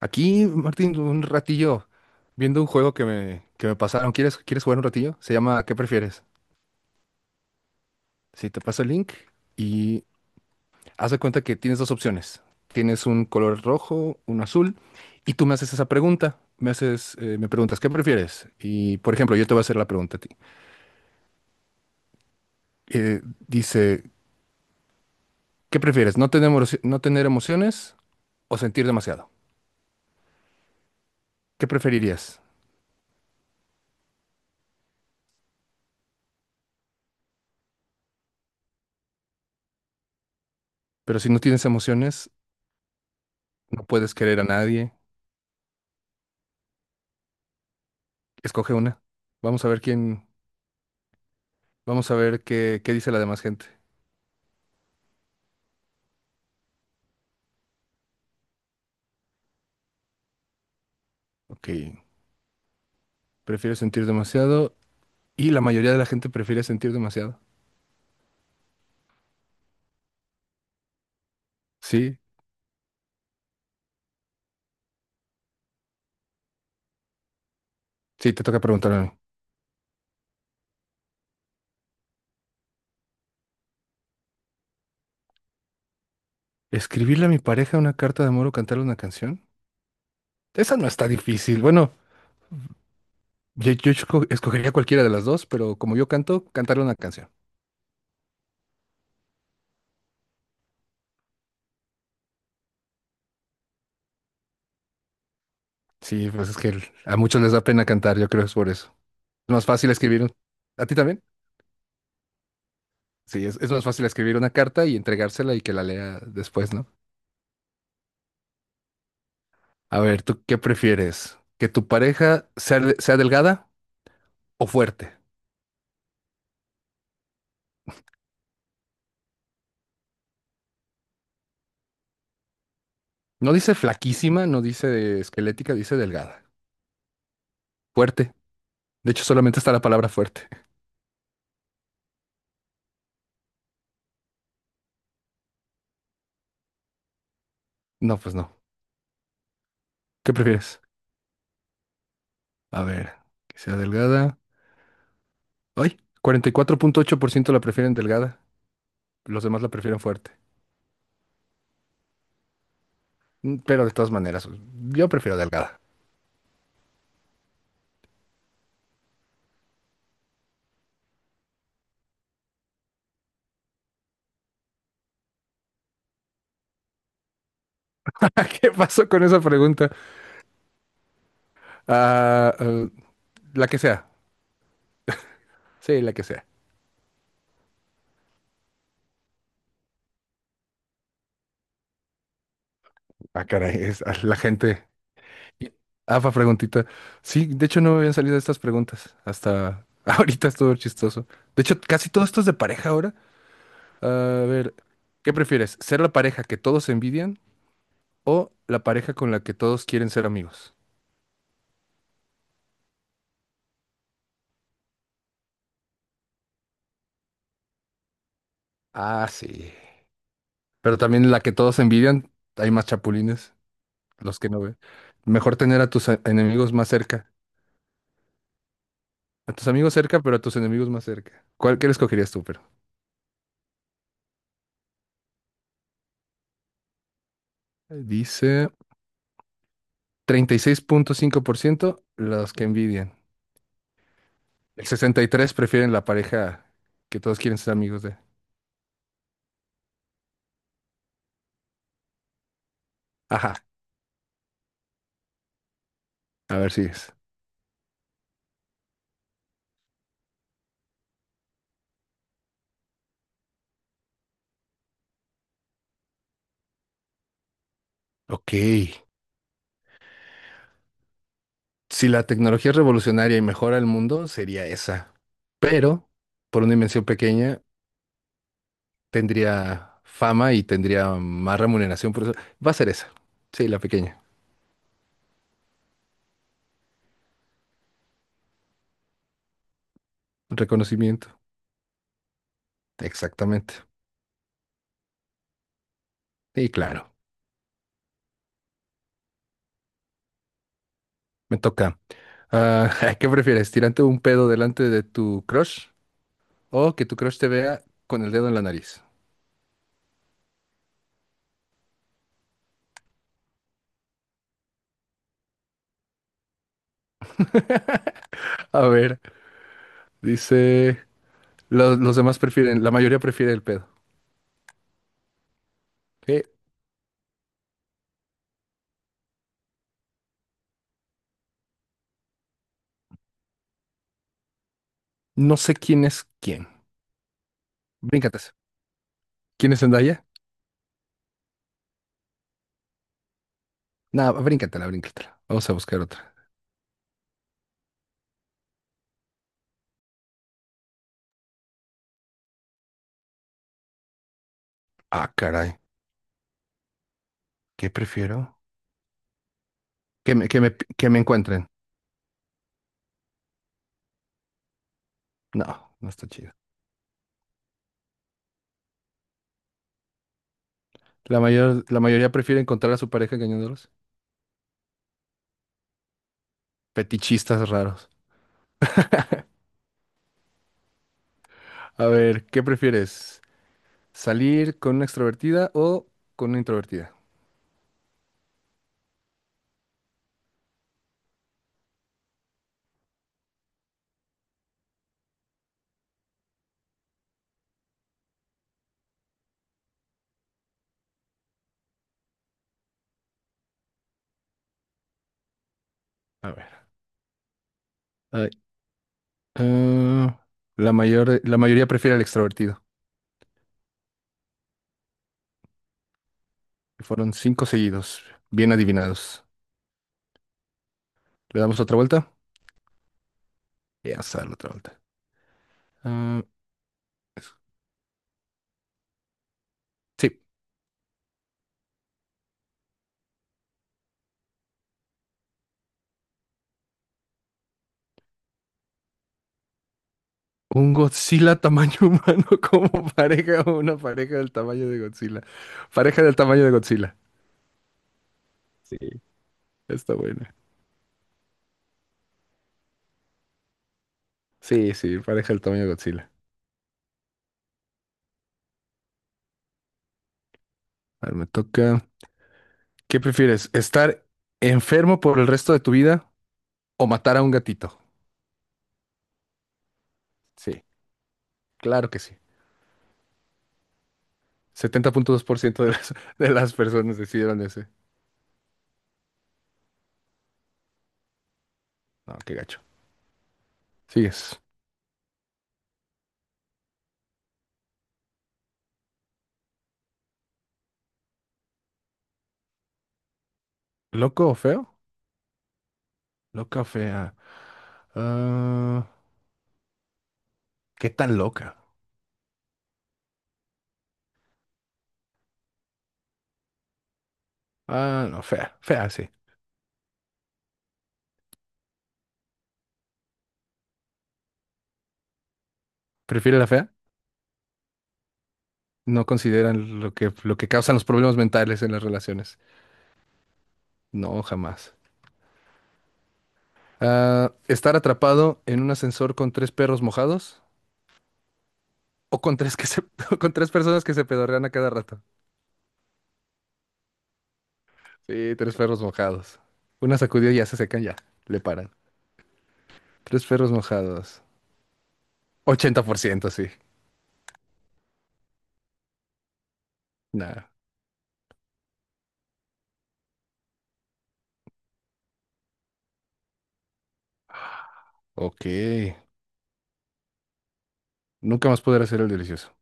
Aquí, Martín, un ratillo viendo un juego que me pasaron. ¿Quieres jugar un ratillo? Se llama ¿Qué prefieres? Si te paso el link y haz de cuenta que tienes dos opciones. Tienes un color rojo, un azul, y tú me haces esa pregunta. Me haces, me preguntas, ¿qué prefieres? Y, por ejemplo, yo te voy a hacer la pregunta a ti. Eh, dice, ¿qué prefieres? ¿No tener, no tener emociones o sentir demasiado? ¿Qué preferirías? Pero si no tienes emociones, no puedes querer a nadie. Escoge una. Vamos a ver quién. Vamos a ver qué dice la demás gente. Ok, prefiero sentir demasiado y la mayoría de la gente prefiere sentir demasiado. Sí, sí, te toca preguntarme a mí. ¿Escribirle a mi pareja una carta de amor o cantarle una canción? Esa no está difícil. Bueno, yo escogería cualquiera de las dos, pero como yo canto, cantarle una canción. Sí, pues es que a muchos les da pena cantar, yo creo que es por eso. Es más fácil escribir. Un- ¿A ti también? Sí, es más fácil escribir una carta y entregársela y que la lea después, ¿no? A ver, ¿tú qué prefieres? ¿Que tu pareja sea delgada o fuerte? No dice flaquísima, no dice esquelética, dice delgada. Fuerte. De hecho, solamente está la palabra fuerte. No, pues no. ¿Qué prefieres? A ver, que sea delgada. ¡Ay! 44.8% la prefieren delgada. Los demás la prefieren fuerte. Mm, pero de todas maneras, pues, yo prefiero delgada. ¿Qué pasó con esa pregunta? Ah, la que sea. Sí, la que sea. Ah, caray, ah, la gente. Y- afa preguntita. Sí, de hecho no me habían salido estas preguntas hasta ahorita es todo chistoso. De hecho, casi todo esto es de pareja ahora. A ver, ¿qué prefieres? ¿Ser la pareja que todos envidian o la pareja con la que todos quieren ser amigos? Ah, sí. Pero también la que todos envidian, hay más chapulines, los que no ven. Mejor tener a tus enemigos más cerca. A tus amigos cerca, pero a tus enemigos más cerca. ¿Qué le escogerías tú, pero? Dice 36.5% los que envidian. El 63 prefieren la pareja que todos quieren ser amigos de. Ajá, a ver si es. Ok. Si la tecnología es revolucionaria y mejora el mundo, sería esa. Pero, por una dimensión pequeña, tendría fama y tendría más remuneración por eso. Va a ser esa. Sí, la pequeña. Reconocimiento. Exactamente. Sí, claro. Me toca. Ah, ¿qué prefieres? ¿Tirarte un pedo delante de tu crush o que tu crush te vea con el dedo en la nariz? A ver, dice. Los demás prefieren, la mayoría prefiere el pedo. Eh, No sé quién es quién. Bríncate esa. ¿Quién es Zendaya? No, bríncatela, bríncatela. Vamos a buscar otra. Ah, caray. ¿Qué prefiero? Que me encuentren. No, no está chido. La mayoría prefiere encontrar a su pareja engañándolos. Fetichistas raros. A ver, ¿qué prefieres? ¿Salir con una extrovertida o con una introvertida? A ver. Ay, ah, la mayoría prefiere al extrovertido. Fueron cinco seguidos, bien adivinados. ¿Le damos otra vuelta? Ya vamos a darle otra vuelta. Ah, es- sí, un Godzilla tamaño humano como pareja o una pareja del tamaño de Godzilla. Pareja del tamaño de Godzilla. Sí. Está buena. Sí, sí, pareja del tamaño de Godzilla. A ver, me toca. ¿Qué prefieres? ¿Estar enfermo por el resto de tu vida o matar a un gatito? Sí, claro que sí. 70.2% de las personas decidieron ese. No, qué gacho. ¿Sigues? ¿Loco o feo? Loca o fea. Ah, qué tan loca. Ah, no, fea, fea, sí. ¿Prefiere la fea? No consideran lo que causan los problemas mentales en las relaciones. No, jamás. Ah, estar atrapado en un ascensor con tres perros mojados o con tres que se, con tres personas que se pedorrean a cada rato. Sí, tres perros mojados. Una sacudida y ya se secan, ya. Le paran. Tres perros mojados. 80% sí. Nah. Ok. Nunca más poder hacer el delicioso.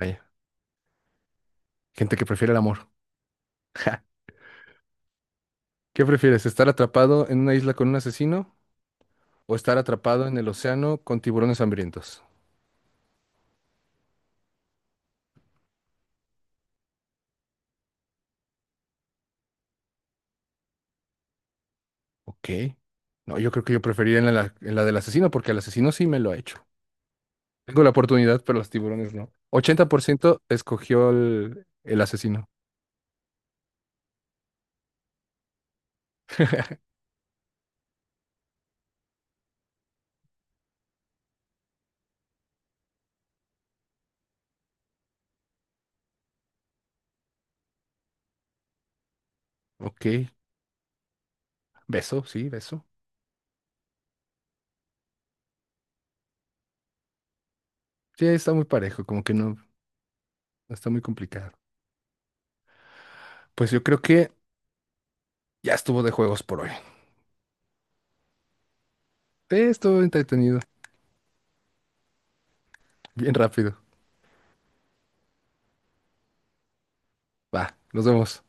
Vaya. Gente que prefiere el amor. ¿Qué prefieres, estar atrapado en una isla con un asesino o estar atrapado en el océano con tiburones hambrientos? Ok. No, yo creo que yo preferiría en la del asesino porque el asesino sí me lo ha hecho. Tengo la oportunidad, pero los tiburones no. 80% escogió el asesino. Ok. Beso. Sí, está muy parejo, como que no, no está muy complicado. Pues yo creo que ya estuvo de juegos por hoy. Sí, estuvo entretenido. Bien rápido. Va, nos vemos.